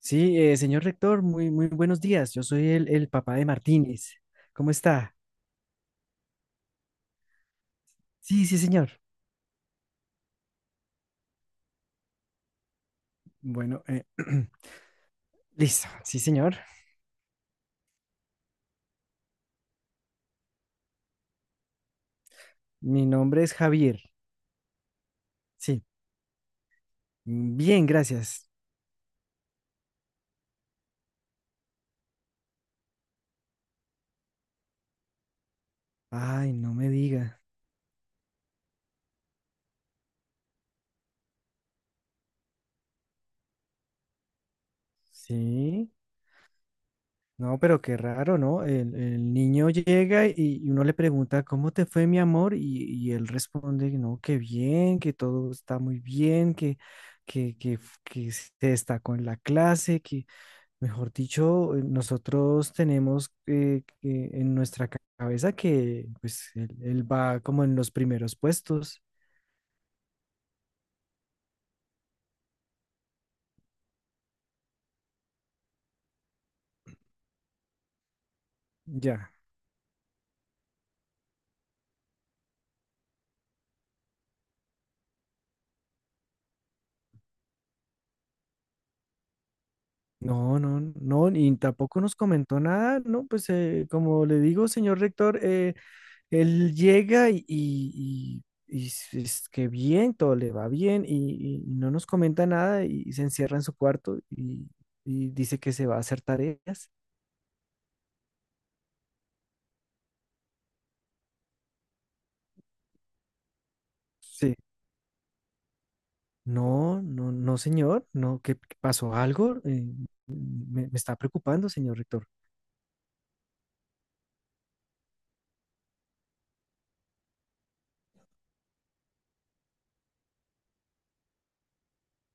Sí, señor rector, muy, muy buenos días. Yo soy el papá de Martínez. ¿Cómo está? Sí, sí, señor. Bueno, listo. Sí, señor. Mi nombre es Javier. Sí. Bien, gracias. Ay, no me diga. Sí. No, pero qué raro, ¿no? El niño llega y uno le pregunta, ¿cómo te fue, mi amor? Y él responde, no, que bien, que todo está muy bien, que se destacó en la clase, que. Mejor dicho, nosotros tenemos en nuestra cabeza que pues él va como en los primeros puestos. Ya. No, no, no, y tampoco nos comentó nada, ¿no? Pues como le digo, señor rector, él llega y es que bien, todo le va bien y no nos comenta nada y se encierra en su cuarto y dice que se va a hacer tareas. Sí. No, no, no, señor, no, ¿qué pasó algo? Me está preocupando, señor rector.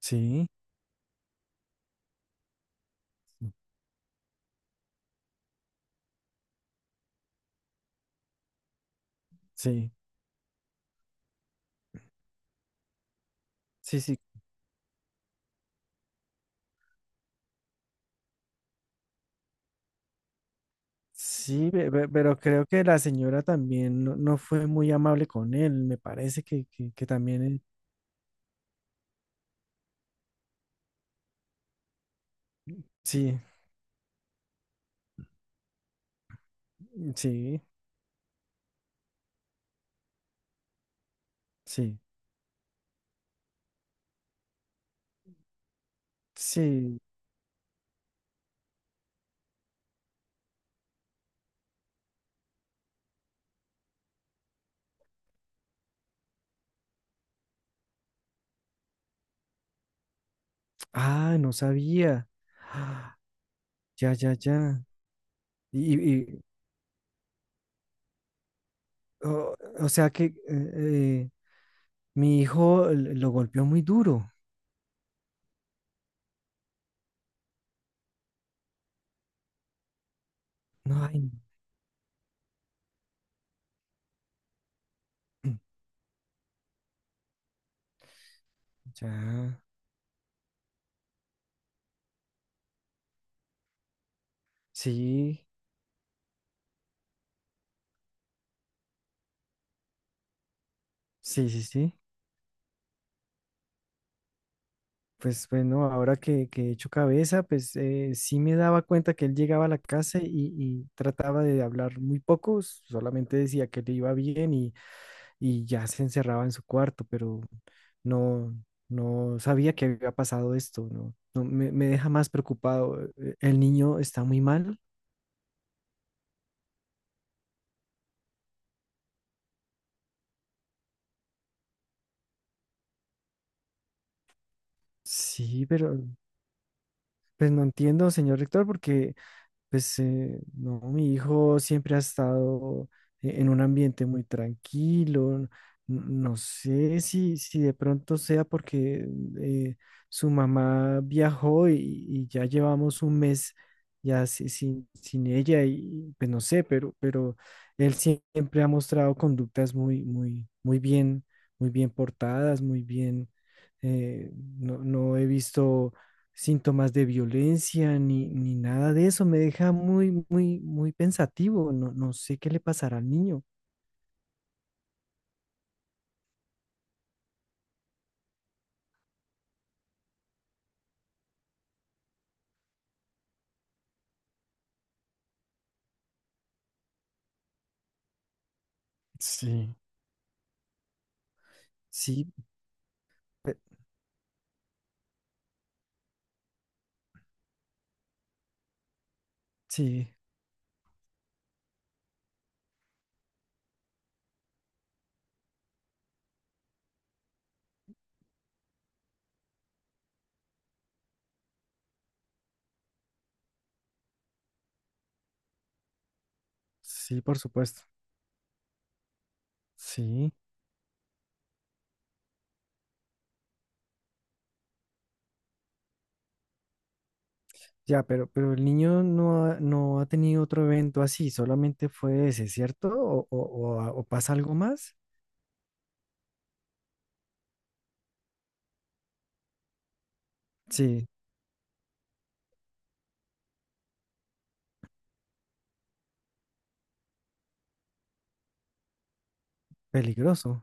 Sí, sí, sí, sí, sí, pero creo que la señora también no fue muy amable con él, me parece que también. Sí, sí, sí, sí. Ah, no sabía. Ah, ya, ya, ya. Y, y- o, o sea que mi hijo lo golpeó muy duro. No, ay, ya. Sí, sí, sí, sí. Pues bueno, ahora que he hecho cabeza, pues sí me daba cuenta que él llegaba a la casa y trataba de hablar muy poco, solamente decía que le iba bien y ya se encerraba en su cuarto, pero no, no sabía que había pasado esto, ¿no? No, me deja más preocupado. ¿El niño está muy mal? Sí, pero pues no entiendo, señor rector, porque. Pues no, mi hijo siempre ha estado en un ambiente muy tranquilo. No sé si de pronto sea porque eh, su mamá viajó y ya llevamos un mes ya sin ella y pues no sé, pero él siempre ha mostrado conductas muy, muy, muy bien portadas, muy bien. eh, no, no he visto síntomas de violencia ni nada de eso. Me deja muy, muy, muy pensativo. No, no sé qué le pasará al niño. Sí, sí, sí, sí, por supuesto. Sí, ya, pero el niño no ha tenido otro evento así, solamente fue ese, ¿cierto? ¿O pasa algo más? Sí, peligroso.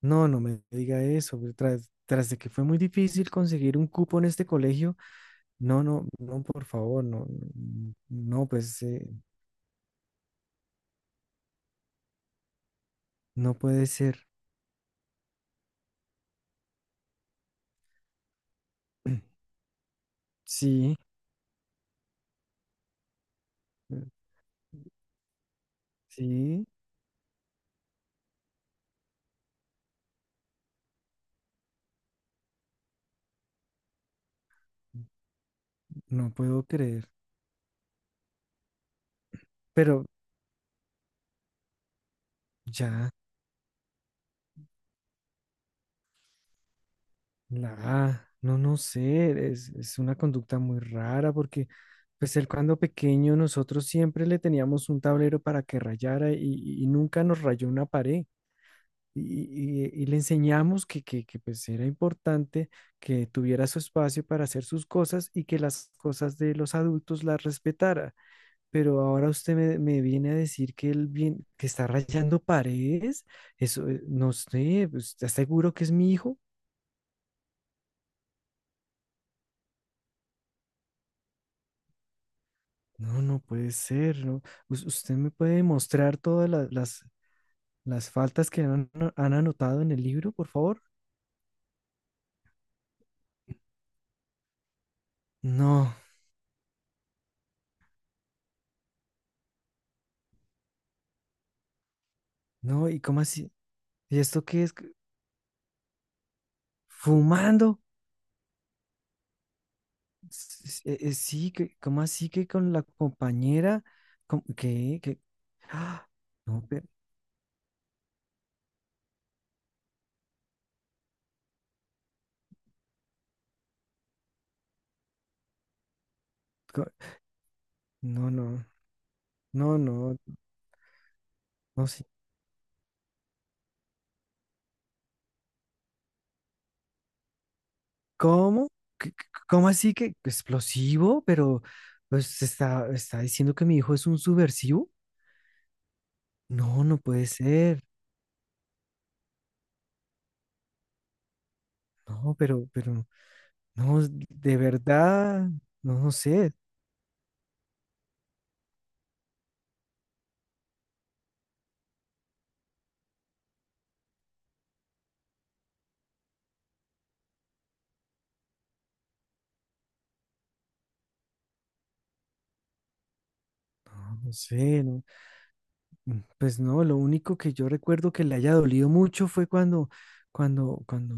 No, no me diga eso. Pues, tras de que fue muy difícil conseguir un cupo en este colegio, no, no, no, por favor, no, no, no, pues, no puede ser. Sí, eh, sí, no puedo creer. Pero ya, la A, no, no sé, es una conducta muy rara porque pues él, cuando pequeño, nosotros siempre le teníamos un tablero para que rayara y nunca nos rayó una pared. Y, y le enseñamos que pues era importante que tuviera su espacio para hacer sus cosas y que las cosas de los adultos las respetara. Pero ahora usted me viene a decir que él bien, que está rayando paredes. Eso, no sé, pues, ¿está seguro que es mi hijo? No, no puede ser, ¿no? ¿Usted me puede demostrar todas las faltas que han anotado en el libro, por favor? No, no, ¿y cómo así? ¿Y esto qué es? ¿Fumando? Sí, que, ¿cómo así que con la compañera? ¿Qué? ¿Qué? ¡Ah! No, co- no, no, no, no. No, sí. ¿Cómo? ¿Cómo así que explosivo? Pero pues está diciendo que mi hijo es un subversivo. No, no puede ser. No, pero, no, de verdad, no, no sé, no, no sé, no. Pues no, lo único que yo recuerdo que le haya dolido mucho fue cuando, cuando,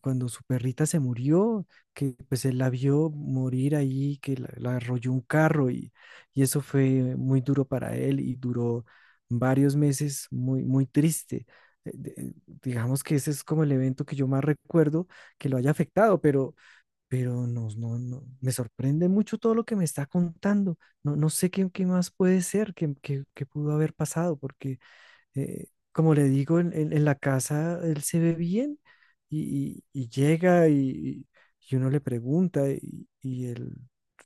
cuando su perrita se murió, que pues él la vio morir ahí, que la arrolló un carro y eso fue muy duro para él y duró varios meses muy, muy triste. Eh, de- eh, digamos que ese es como el evento que yo más recuerdo que lo haya afectado, pero no, no, no, me sorprende mucho todo lo que me está contando. No, no sé qué más puede ser, qué pudo haber pasado, porque eh, como le digo, en la casa él se ve bien y llega y uno le pregunta y él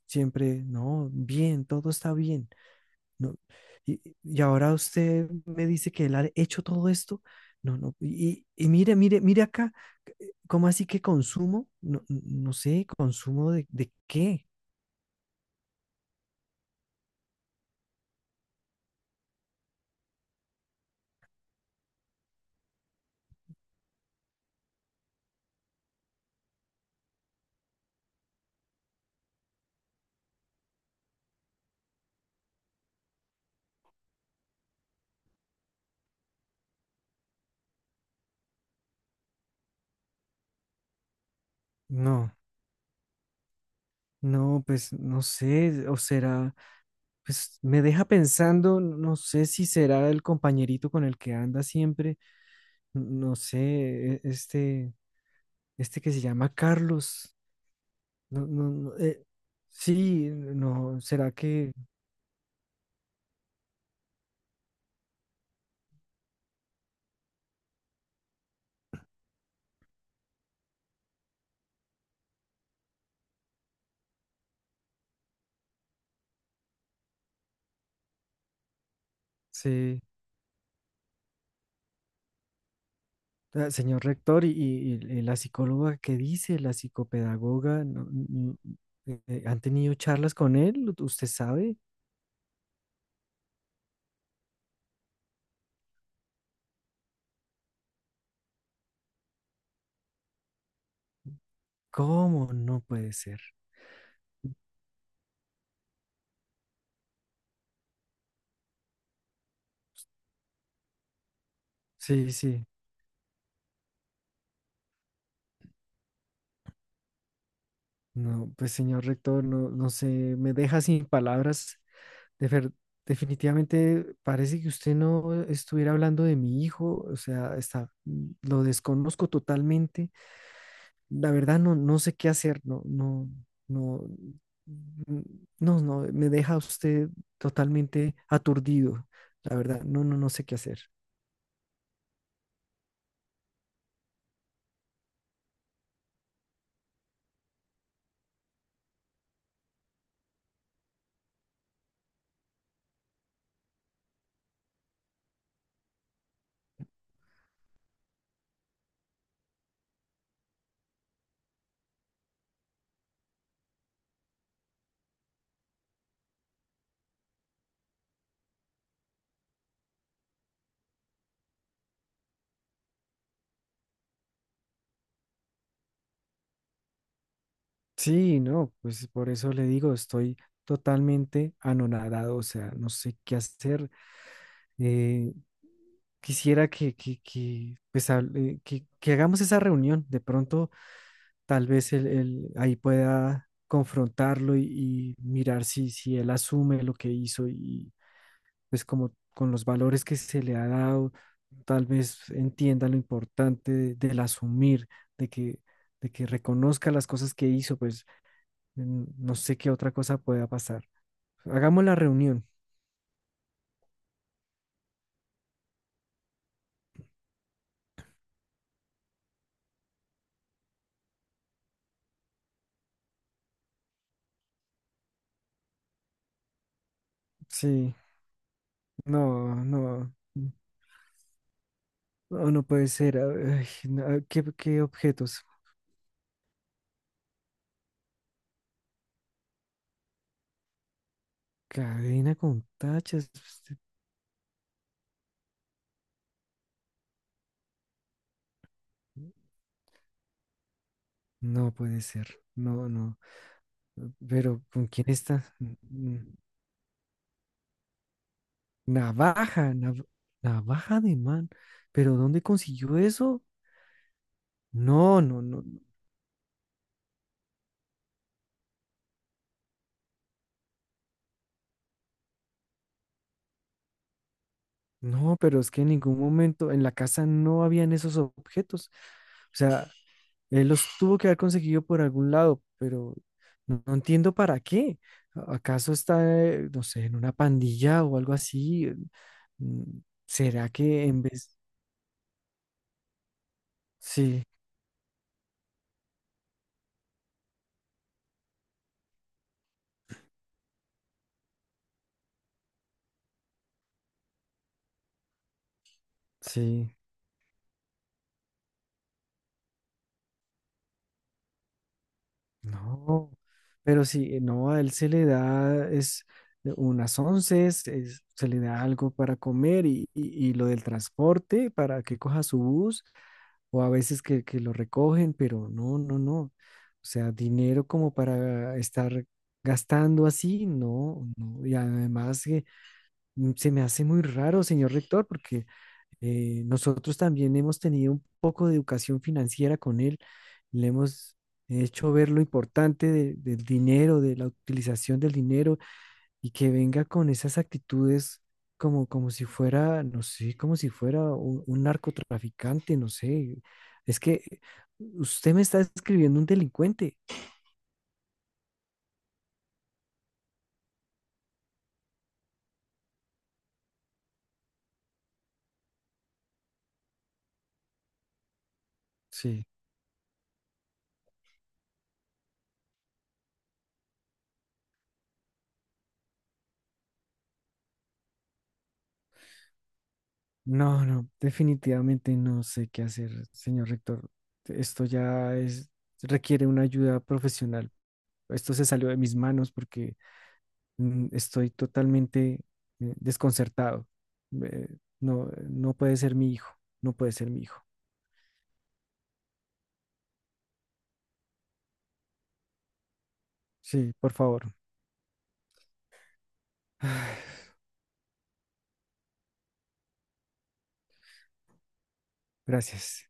siempre, no, bien, todo está bien. No, y ahora usted me dice que él ha hecho todo esto. No, no, y mire, mire, mire acá. ¿Cómo así que consumo? No, no sé, ¿consumo de qué? No, no, pues no sé, o será, pues me deja pensando, no sé si será el compañerito con el que anda siempre, no sé, e- este, este que se llama Carlos, no, no, no, sí, no, ¿será que se? Ah, señor rector, y la psicóloga que dice, la psicopedagoga, no, no, ¿han tenido charlas con él? ¿Usted sabe? ¿Cómo? No puede ser. Sí, sí. No, pues señor rector, no, no sé, me deja sin palabras. De ver- definitivamente parece que usted no estuviera hablando de mi hijo, o sea, está, lo desconozco totalmente. La verdad no, no sé qué hacer, no, no, no, mm, no, no, me deja usted totalmente aturdido. La verdad, no, no, no sé qué hacer. Sí, no, pues por eso le digo, estoy totalmente anonadado, o sea, no sé qué hacer. Eh, Quisiera que, pues, hable- que hagamos esa reunión. De pronto, tal vez él ahí pueda confrontarlo y mirar si él asume lo que hizo y pues como con los valores que se le ha dado, tal vez entienda lo importante del asumir, de que, de que reconozca las cosas que hizo, pues. No sé qué otra cosa pueda pasar. Hagamos la reunión. Sí, no, no, no, no puede ser. Ay, no, ¿qué objetos? Cadena con tachas. No puede ser. No, no. Pero ¿con quién está? Navaja, nav- navaja de man. ¿Pero dónde consiguió eso? No, no, no, no, pero es que en ningún momento en la casa no habían esos objetos. O sea, él los tuvo que haber conseguido por algún lado, pero no, no entiendo para qué. ¿Acaso está, no sé, en una pandilla o algo así? Mm, ¿Será que en vez? Sí, sí, no. Pero sí, no, a él se le da, es unas onces, se le da algo para comer y lo del transporte para que coja su bus o a veces que lo recogen, pero no, no, no. O sea, dinero como para estar gastando así, no, no. Y además que se me hace muy raro, señor rector, porque nosotros también hemos tenido un poco de educación financiera con él. Le hemos hecho ver lo importante del dinero, de la utilización del dinero y que venga con esas actitudes como si fuera, no sé, como si fuera un narcotraficante, no sé. Es que usted me está describiendo un delincuente. Sí, no, no, definitivamente no sé qué hacer, señor rector. Esto ya es, requiere una ayuda profesional. Esto se salió de mis manos porque estoy totalmente desconcertado. No, no puede ser mi hijo, no puede ser mi hijo. Sí, por favor. Gracias.